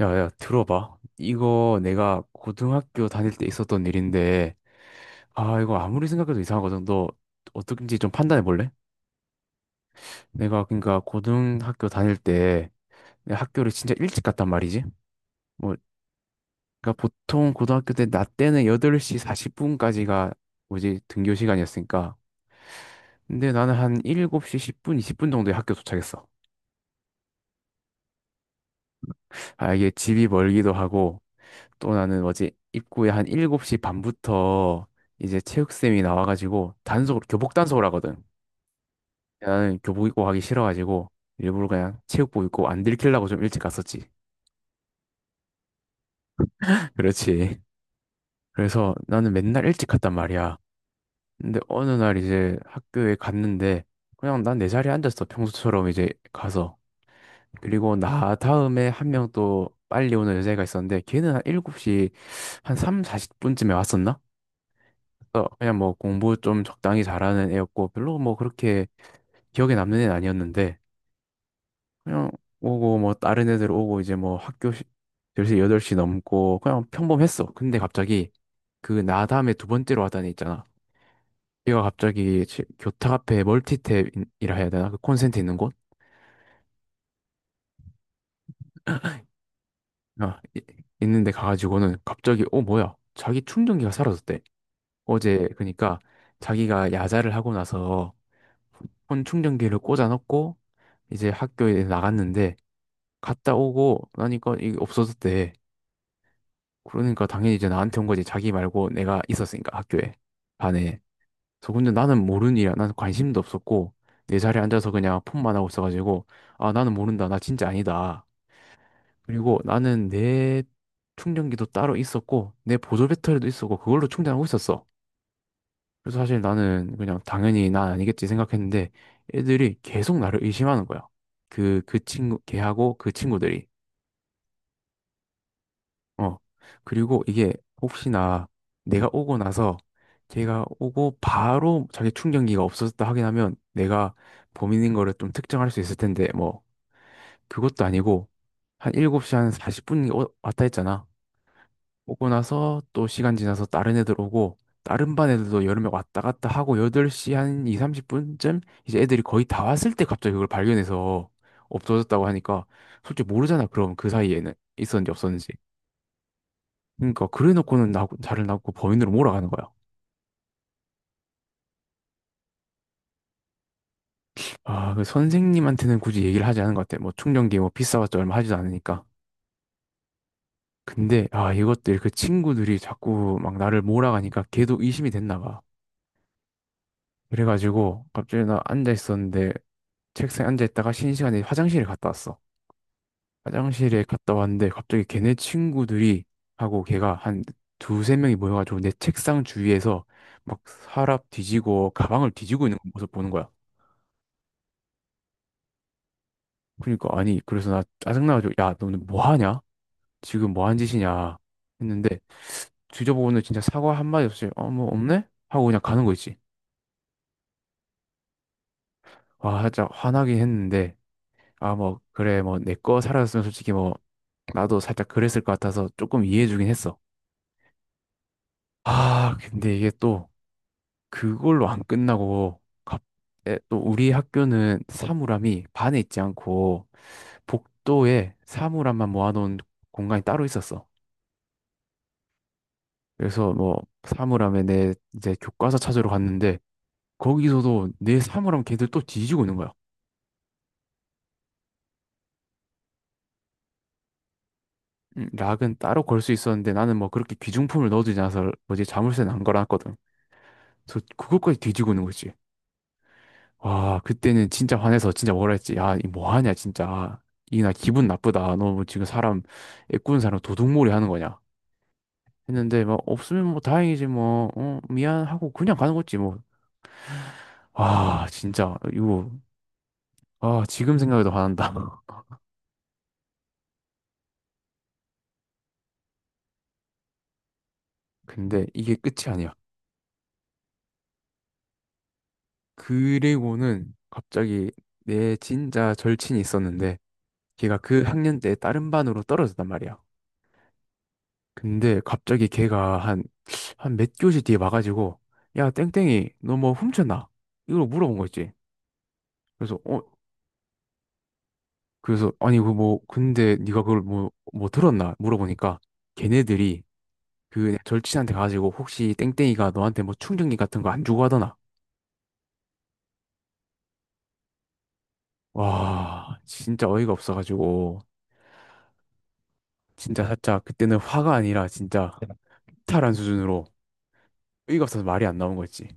야, 야, 들어봐. 이거 내가 고등학교 다닐 때 있었던 일인데, 아, 이거 아무리 생각해도 이상하거든. 너 어떻게인지 좀 판단해 볼래? 내가 그러니까 고등학교 다닐 때 내가 학교를 진짜 일찍 갔단 말이지. 뭐, 그러니까 보통 고등학교 때 나 때는 8시 40분까지가 뭐지 등교 시간이었으니까. 근데 나는 한 7시 10분, 20분 정도에 학교 도착했어. 아, 이게 집이 멀기도 하고, 또 나는 뭐지 입구에 한 7시 반부터 이제 체육쌤이 나와가지고 단속 교복 단속을 하거든. 나는 교복 입고 가기 싫어가지고 일부러 그냥 체육복 입고 안 들키려고 좀 일찍 갔었지. 그렇지. 그래서 나는 맨날 일찍 갔단 말이야. 근데 어느 날 이제 학교에 갔는데 그냥 난 내 자리에 앉았어. 평소처럼 이제 가서. 그리고 나 다음에 한 명 또 빨리 오는 여자애가 있었는데 걔는 한 7시 한 3, 40분쯤에 왔었나? 그래서 그냥 뭐 공부 좀 적당히 잘하는 애였고 별로 뭐 그렇게 기억에 남는 애는 아니었는데 그냥 오고 뭐 다른 애들 오고 이제 뭐 학교 시- 1시여 8시 넘고 그냥 평범했어. 근데 갑자기 그 나 다음에 두 번째로 왔다는 애 있잖아. 얘가 갑자기 교탁 앞에 멀티탭이라 해야 되나? 그 콘센트 있는 곳? 아, 이- 있는데 가가지고는 갑자기 어 뭐야? 자기 충전기가 사라졌대. 어제 그러니까 자기가 야자를 하고 나서 폰 충전기를 꽂아놓고 이제 학교에 나갔는데 갔다 오고 나니까 이게 없어졌대. 그러니까 당연히 이제 나한테 온 거지. 자기 말고 내가 있었으니까 학교에 반에. 그래서 근데 나는 모르는 일이야. 나는 관심도 없었고 내 자리에 앉아서 그냥 폰만 하고 있어가지고 아 나는 모른다. 나 진짜 아니다. 그리고 나는 내 충전기도 따로 있었고 내 보조 배터리도 있었고 그걸로 충전하고 있었어. 그래서 사실 나는 그냥 당연히 난 아니겠지 생각했는데 애들이 계속 나를 의심하는 거야. 그 친구, 걔하고 그 친구들이. 어. 그리고 이게 혹시나 내가 오고 나서 걔가 오고 바로 자기 충전기가 없어졌다 하긴 하면 내가 범인인 거를 좀 특정할 수 있을 텐데 뭐 그것도 아니고 한 7시 한 40분 왔다 했잖아. 오고 나서 또 시간 지나서 다른 애들 오고 다른 반 애들도 여름에 왔다 갔다 하고 8시 한 2, 30분쯤 이제 애들이 거의 다 왔을 때 갑자기 그걸 발견해서 없어졌다고 하니까 솔직히 모르잖아. 그럼 그 사이에는 있었는지 없었는지. 그러니까 그래 놓고는 나 자를 낳고 범인으로 몰아가는 거야. 아, 그 선생님한테는 굳이 얘기를 하지 않은 것 같아. 뭐 충전기 뭐 비싸봤자 얼마 하지도 않으니까. 근데 아, 이것들 그 친구들이 자꾸 막 나를 몰아가니까 걔도 의심이 됐나 봐. 그래가지고 갑자기 나 앉아 있었는데 책상에 앉아 있다가 쉬는 시간에 화장실에 갔다 왔어. 화장실에 갔다 왔는데 갑자기 걔네 친구들이 하고 걔가 한 두세 명이 모여가지고 내 책상 주위에서 막 서랍 뒤지고 가방을 뒤지고 있는 모습 보는 거야. 그러니까 아니 그래서 나 짜증나가지고 야 너는 뭐 하냐? 지금 뭐 한 짓이냐? 했는데 뒤져보고는 진짜 사과 한마디 없이 어 뭐 없네? 하고 그냥 가는 거 있지. 와 살짝 화나긴 했는데 아 뭐 그래 뭐 내 거 사라졌으면 솔직히 뭐 나도 살짝 그랬을 것 같아서 조금 이해해주긴 했어. 아, 근데 이게 또 그걸로 안 끝나고 에, 또 우리 학교는 사물함이 반에 있지 않고 복도에 사물함만 모아놓은 공간이 따로 있었어. 그래서 뭐 사물함에 내 이제 교과서 찾으러 갔는데 거기서도 내 사물함 걔들 또 뒤지고 있는 거야. 락은 따로 걸 수 있었는데 나는 뭐 그렇게 귀중품을 넣어두지 않아서 뭐지 자물쇠는 안 걸어놨거든. 그래서 그것까지 뒤지고 있는 거지. 와, 그때는 진짜 화내서 진짜 뭐라 했지? 야, 이 뭐 하냐, 진짜. 이나 기분 나쁘다. 너 뭐 지금 사람, 애꾸는 사람 도둑몰이 하는 거냐? 했는데, 막, 없으면 뭐 다행이지, 뭐, 어, 미안하고 그냥 가는 거지, 뭐. 아, 진짜, 이거, 아, 지금 생각해도 화난다. 근데 이게 끝이 아니야. 그리고는 갑자기 내 진짜 절친이 있었는데, 걔가 그 학년 때 다른 반으로 떨어졌단 말이야. 근데 갑자기 걔가 한, 한 몇 교시 뒤에 와가지고, 야, 땡땡이, 너 뭐 훔쳤나? 이걸 물어본 거 있지. 그래서, 어, 그래서, 아니, 그 뭐, 근데 네가 그걸 뭐 들었나? 물어보니까, 걔네들이 그 절친한테 가가지고, 혹시 땡땡이가 너한테 뭐 충전기 같은 거 안 주고 하더나? 와, 진짜 어이가 없어가지고, 진짜 살짝, 그때는 화가 아니라 진짜, 이탈한 수준으로, 어이가 없어서 말이 안 나온 거 있지.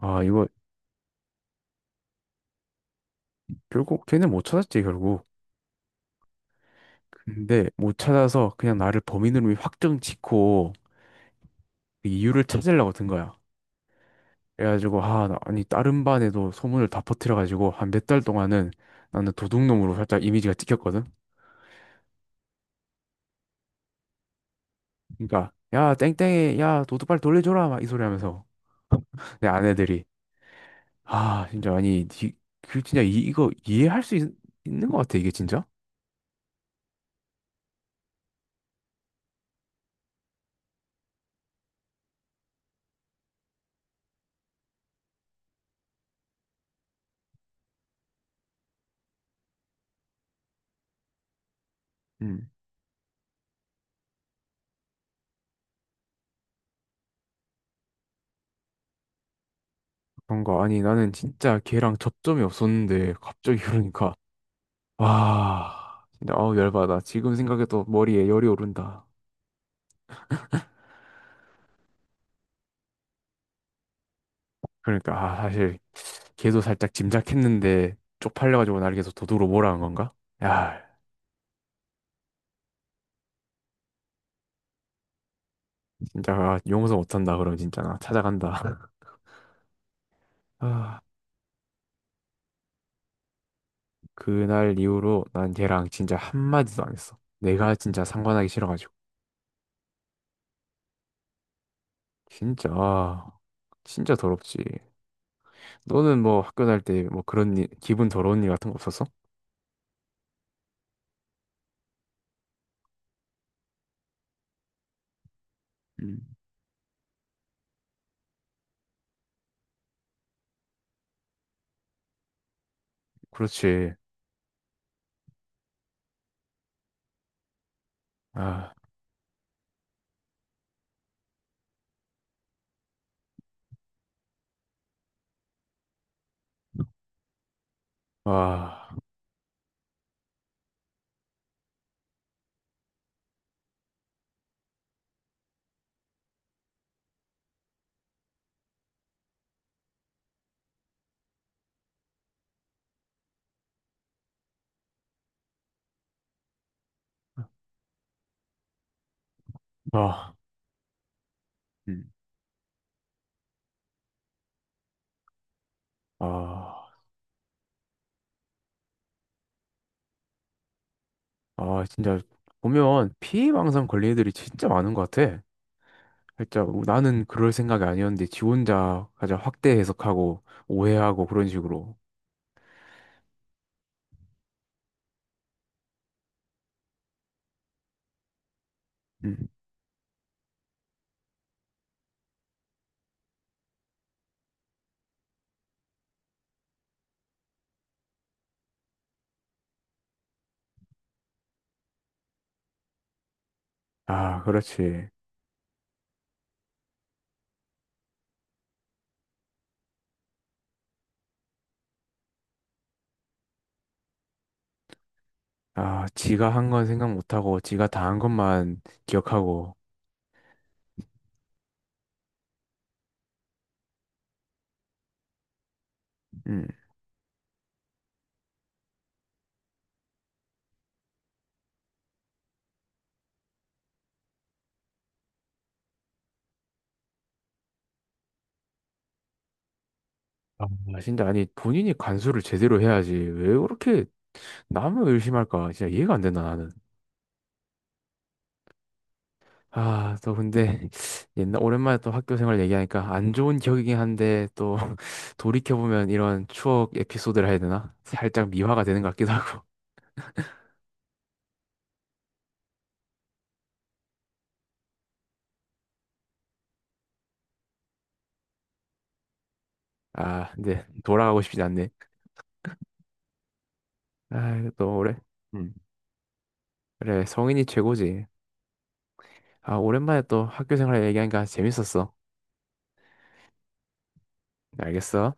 아, 이거, 결국 걔는 못 찾았지, 결국. 근데 못 찾아서 그냥 나를 범인으로 확정 짓고 그 이유를 찾으려고 든 거야. 그래가지고 아니 다른 반에도 소문을 다 퍼뜨려가지고 한 몇 달 동안은 나는 도둑놈으로 살짝 이미지가 찍혔거든. 그러니까 야 땡땡이 야 도둑 빨리 돌려줘라 막 이 소리 하면서 내 아내들이 아 진짜 아니 그 진짜 이거 이해할 수 있, 는것 같아 이게 진짜. 음. 그런 거 아니 나는 진짜 걔랑 접점이 없었는데 갑자기 그러니까 와, 진짜 어우 열받아. 지금 생각해도 머리에 열이 오른다. 그러니까 아, 사실 걔도 살짝 짐작했는데 쪽팔려가지고 날 계속 도둑으로 몰아간 건가? 야, 진짜 아, 용서 못한다. 그럼 진짜 나 찾아간다. 아, 그날 이후로 난 걔랑 진짜 한마디도 안 했어. 내가 진짜 상관하기 싫어가지고. 진짜 아, 진짜 더럽지. 너는 뭐 학교 다닐 때 뭐 그런 일, 기분 더러운 일 같은 거 없었어? 음, 그렇지. 아, 아, 아. 아, 아, 진짜 보면 피해망상 걸린 애들이 진짜 많은 것 같아. 진짜 나는 그럴 생각이 아니었는데 지 혼자 가장 확대 해석하고 오해하고 그런 식으로. 음. 아, 그렇지. 아, 지가 한 건 생각 못하고 지가 다 한 것만 기억하고. 음. 아, 진짜 아니 본인이 간수를 제대로 해야지. 왜 그렇게 남을 의심할까? 진짜 이해가 안 된다 나는. 아, 또 근데 옛날 오랜만에 또 학교 생활 얘기하니까 안 좋은 기억이긴 한데 또 돌이켜보면 이런 추억 에피소드를 해야 되나? 살짝 미화가 되는 것 같기도 하고. 아, 근데 돌아가고 싶지 않네. 아, 또 오래. 음. 그래, 성인이 최고지. 아, 오랜만에 또 학교 생활 얘기하니까 재밌었어. 알겠어.